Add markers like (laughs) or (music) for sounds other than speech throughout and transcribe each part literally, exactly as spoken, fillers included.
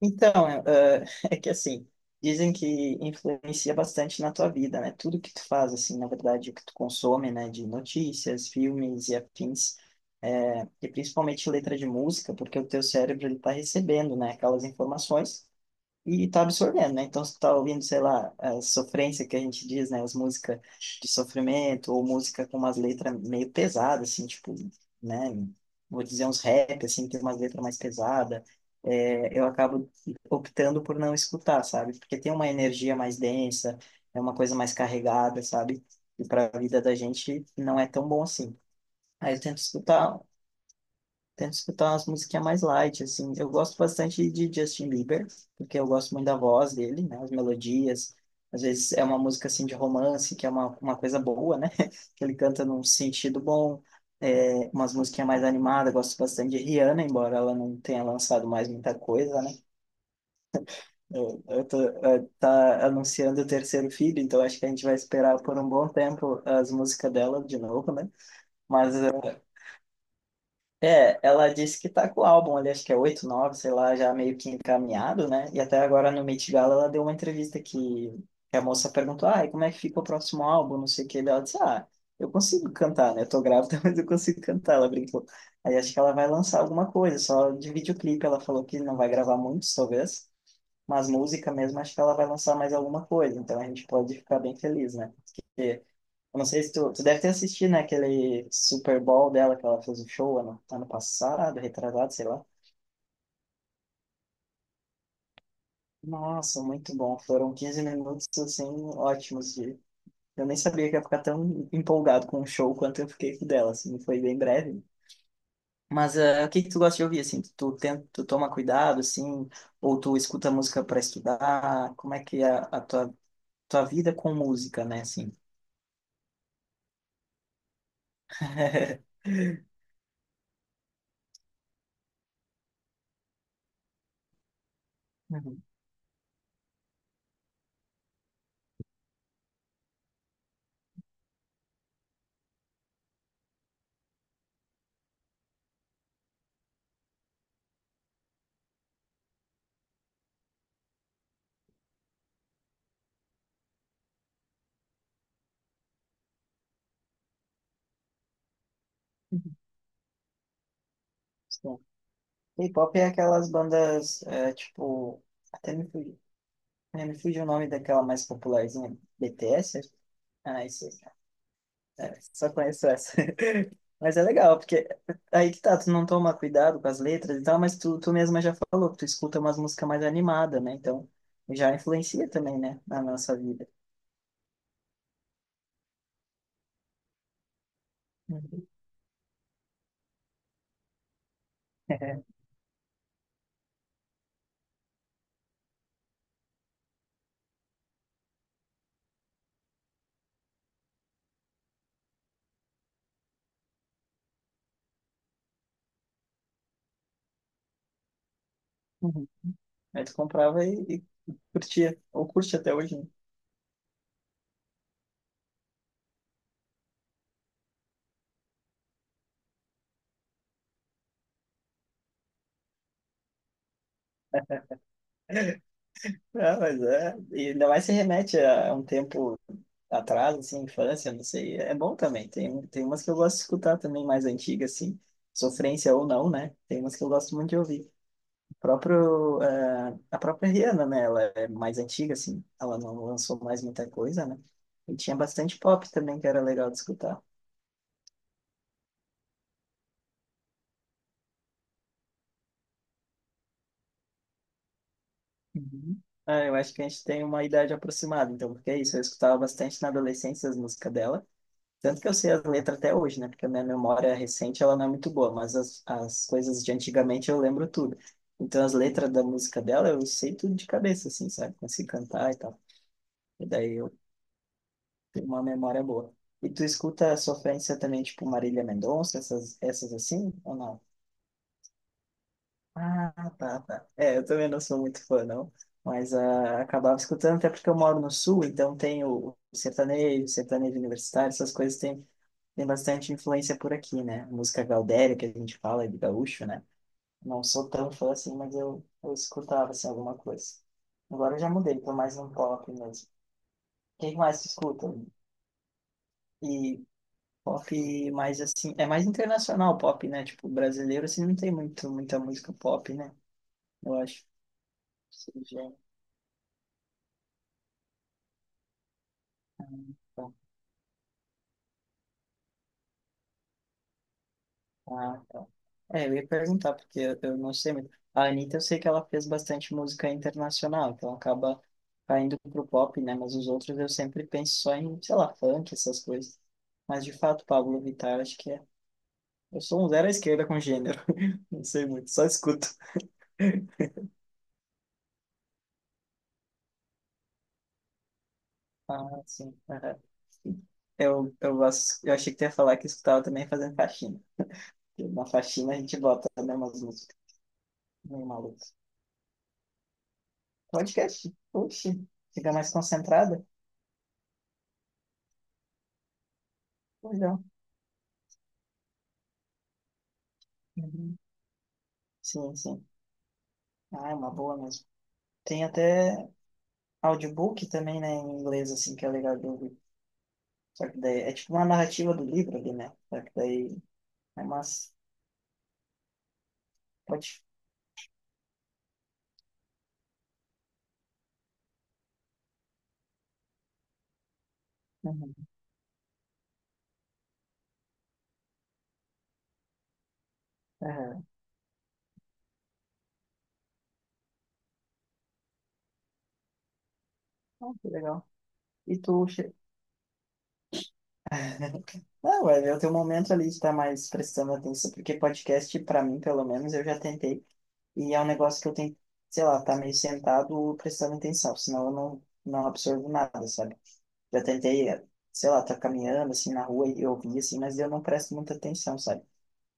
Então, é, é (laughs) é que assim, dizem que influencia bastante na tua vida, né? Tudo que tu faz, assim, na verdade, o que tu consome, né? De notícias, filmes e afins, é, e principalmente letra de música, porque o teu cérebro, ele tá recebendo, né? Aquelas informações e tá absorvendo, né? Então, se tá ouvindo, sei lá, a sofrência que a gente diz, né? As músicas de sofrimento, ou música com umas letras meio pesadas, assim, tipo, né? Vou dizer uns rap, assim, que tem umas letras mais pesadas. É, eu acabo optando por não escutar, sabe? Porque tem uma energia mais densa, é uma coisa mais carregada, sabe? E para a vida da gente não é tão bom assim. Aí eu tento escutar Tento escutar umas musiquinhas mais light, assim. Eu gosto bastante de Justin Bieber, porque eu gosto muito da voz dele, né? As melodias. Às vezes é uma música, assim, de romance, que é uma, uma coisa boa, né? (laughs) Que ele canta num sentido bom. É, umas musiquinhas mais animadas. Eu gosto bastante de Rihanna, embora ela não tenha lançado mais muita coisa, né? Eu, eu tô, eh, tá anunciando o terceiro filho, então acho que a gente vai esperar por um bom tempo as músicas dela de novo, né? Mas é, ela disse que tá com o álbum ali, acho que é oito nove, sei lá, já meio que encaminhado, né? E até agora no Met Gala ela deu uma entrevista que a moça perguntou, ah, e como é que fica o próximo álbum, não sei o que, daí ela disse, ah, eu consigo cantar, né? Eu tô grávida, (laughs) mas eu consigo cantar, ela brincou. Aí acho que ela vai lançar alguma coisa, só de videoclipe ela falou que não vai gravar muitos, talvez, mas música mesmo acho que ela vai lançar mais alguma coisa, então a gente pode ficar bem feliz, né? Porque eu não sei se tu, tu deve ter assistido, né, aquele Super Bowl dela que ela fez o show ano, ano passado, retrasado, sei lá. Nossa, muito bom. Foram quinze minutos, assim, ótimos de. Eu nem sabia que ia ficar tão empolgado com o show quanto eu fiquei com o dela, assim, foi bem breve. Mas eh, o que que tu gosta de ouvir, assim? Tu, tem, tu toma cuidado, assim, ou tu escuta música para estudar? Como é que é a tua, tua vida com música, né, assim? (laughs) Uhum. K-pop é aquelas bandas, é, tipo, até me fugiu, né, me fugiu o nome daquela mais popularzinha, B T S? Ah, isso, é, só conheço essa. (laughs) Mas é legal, porque aí que tá, tu não toma cuidado com as letras e tal, mas tu, tu mesma já falou que tu escuta umas músicas mais animadas, né? Então, já influencia também, né, na nossa vida. Uhum. (laughs) É. Uhum. Aí tu comprava e, e curtia, ou curte até hoje, né? Ah, mas é, e ainda mais se remete a um tempo atrás, assim, infância, não sei, é bom também. Tem, tem umas que eu gosto de escutar também, mais antigas, assim, sofrência ou não, né? Tem umas que eu gosto muito de ouvir. O Próprio, eh, a própria Rihanna, né? Ela é mais antiga, assim, ela não lançou mais muita coisa, né? E tinha bastante pop também, que era legal de escutar. Uhum. Ah, eu acho que a gente tem uma idade aproximada, então, porque é isso, eu escutava bastante na adolescência as músicas dela. Tanto que eu sei as letras até hoje, né? Porque a minha memória recente ela não é muito boa, mas as, as coisas de antigamente eu lembro tudo. Então as letras da música dela eu sei tudo de cabeça, assim, sabe? Consigo cantar e tal. E daí eu tenho uma memória boa. E tu escuta a sofrência também, tipo Marília Mendonça, essas, essas assim, ou não? Ah, tá, tá. É, eu também não sou muito fã, não. Mas ah, acabava escutando, até porque eu moro no sul, então tem o o sertanejo, sertanejo universitário, essas coisas têm tem bastante influência por aqui, né? Música gaudéria, que a gente fala, de gaúcho, né? Não sou tão fã assim, mas eu, eu escutava, assim, alguma coisa. Agora eu já mudei, tô mais no pop mesmo. Quem mais tu escuta? E pop mais, assim, é mais internacional pop, né? Tipo, brasileiro, assim, não tem muito, muita música pop, né? Eu acho. Sim, já. É, então. Ah, tá. É, eu ia perguntar, porque eu, eu não sei muito. A Anitta, eu sei que ela fez bastante música internacional, então acaba caindo pro pop, né? Mas os outros eu sempre penso só em, sei lá, funk, essas coisas. Mas de fato, Pablo Vittar, acho que é. Eu sou um zero à esquerda com gênero. (laughs) Não sei muito, só escuto. (laughs) Ah, sim, aham. Eu, eu, gosto- eu achei que tu ia falar que escutava também fazendo faxina. Na faxina a gente bota, também umas músicas meio malucas. Podcast, oxe, fica mais concentrada. Pois é. Uhum. Sim, sim. Ah, é uma boa mesmo. Tem até audiobook também, né, em inglês, assim, que é legal de ouvir. Só que daí é tipo uma narrativa do livro ali, né? Só que daí é massa. Pode. Uhum. Aham. Ah, que legal. E tu. che- (laughs) Não, vai ver o teu momento ali de estar mais prestando atenção, porque podcast, pra mim, pelo menos, eu já tentei. E é um negócio que eu tenho, sei lá, tá meio sentado prestando atenção, senão eu não, não absorvo nada, sabe? Já tentei, eh, sei lá, tá caminhando assim na rua e ouvir assim, mas eu não presto muita atenção, sabe?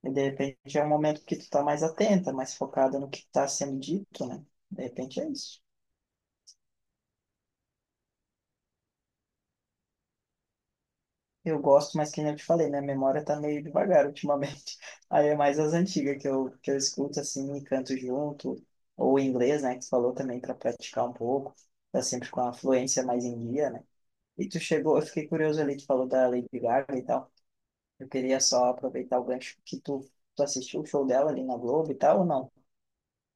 E de repente é um momento que tu tá mais atenta, mais focada no que tá sendo dito, né? De repente é isso. Eu gosto, mas que nem eu te falei, minha memória tá meio devagar ultimamente. (laughs) Aí é mais as antigas que eu, que eu escuto assim e canto junto, ou em inglês, né? Que tu falou também para praticar um pouco, tá sempre com a fluência mais em dia, né? E tu chegou, eu fiquei curioso ali, tu falou da Lady Gaga e tal. Eu queria só aproveitar o gancho que tu, tu assistiu o show dela ali na Globo e tal, ou não?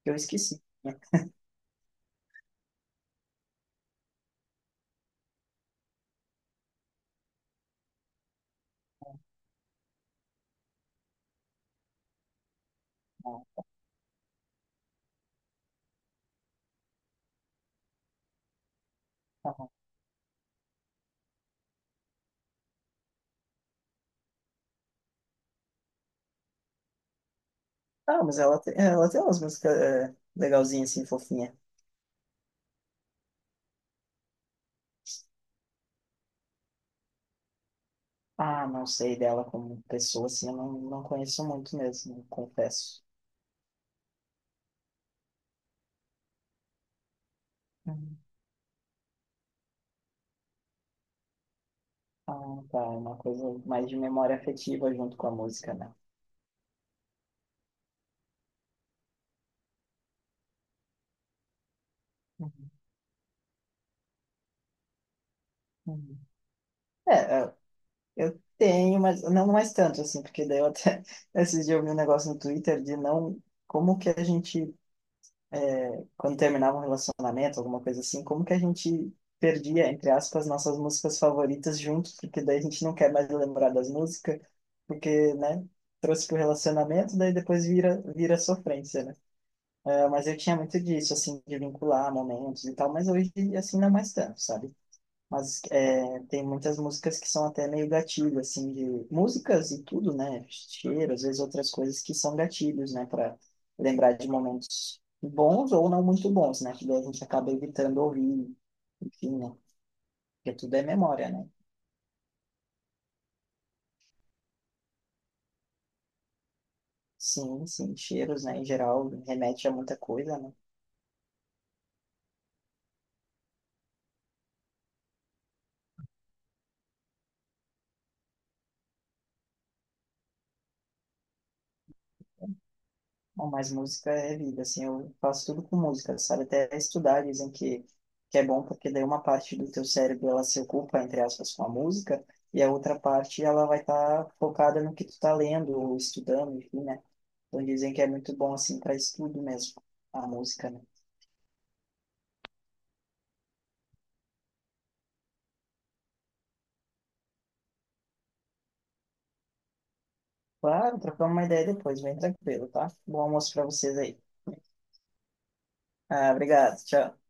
Eu esqueci. Não. Aham. Ah, mas ela tem, ela tem umas músicas, é, legalzinhas, assim, fofinha. Ah, não sei dela como pessoa, assim, eu não, não conheço muito mesmo, confesso. Uhum. Ah, tá, é uma coisa mais de memória afetiva junto com a música, né? Uhum. Uhum. É, eu eu tenho, mas não mais tanto, assim, porque daí eu até (laughs) esses dias eu vi um negócio no Twitter de não, como que a gente quando terminava um relacionamento, alguma coisa assim, como que a gente perdia, entre aspas, nossas músicas favoritas juntos, porque daí a gente não quer mais lembrar das músicas, porque, né, trouxe pro relacionamento, daí depois vira, vira sofrência, né? É, mas eu tinha muito disso, assim, de vincular momentos e tal, mas hoje, assim, não mais tanto, sabe? Mas é, tem muitas músicas que são até meio gatilho, assim, de músicas e tudo, né? Cheiro, às vezes outras coisas que são gatilhos, né? Para lembrar de momentos bons ou não muito bons, né? Que daí a gente acaba evitando ouvir, enfim, né? Porque tudo é memória, né? Sim, sim, cheiros, né? Em geral, remete a muita coisa, né? Bom, mas música é vida, assim, eu faço tudo com música, sabe? Até estudar dizem que, que é bom porque daí uma parte do teu cérebro ela se ocupa, entre aspas, com a música e a outra parte ela vai estar focada no que tu tá lendo ou estudando, enfim, né? Então dizem que é muito bom, assim, para estudo mesmo, a música, né? Claro, trocamos uma ideia depois, bem tranquilo, tá? Bom almoço para vocês aí. Ah, obrigado, tchau.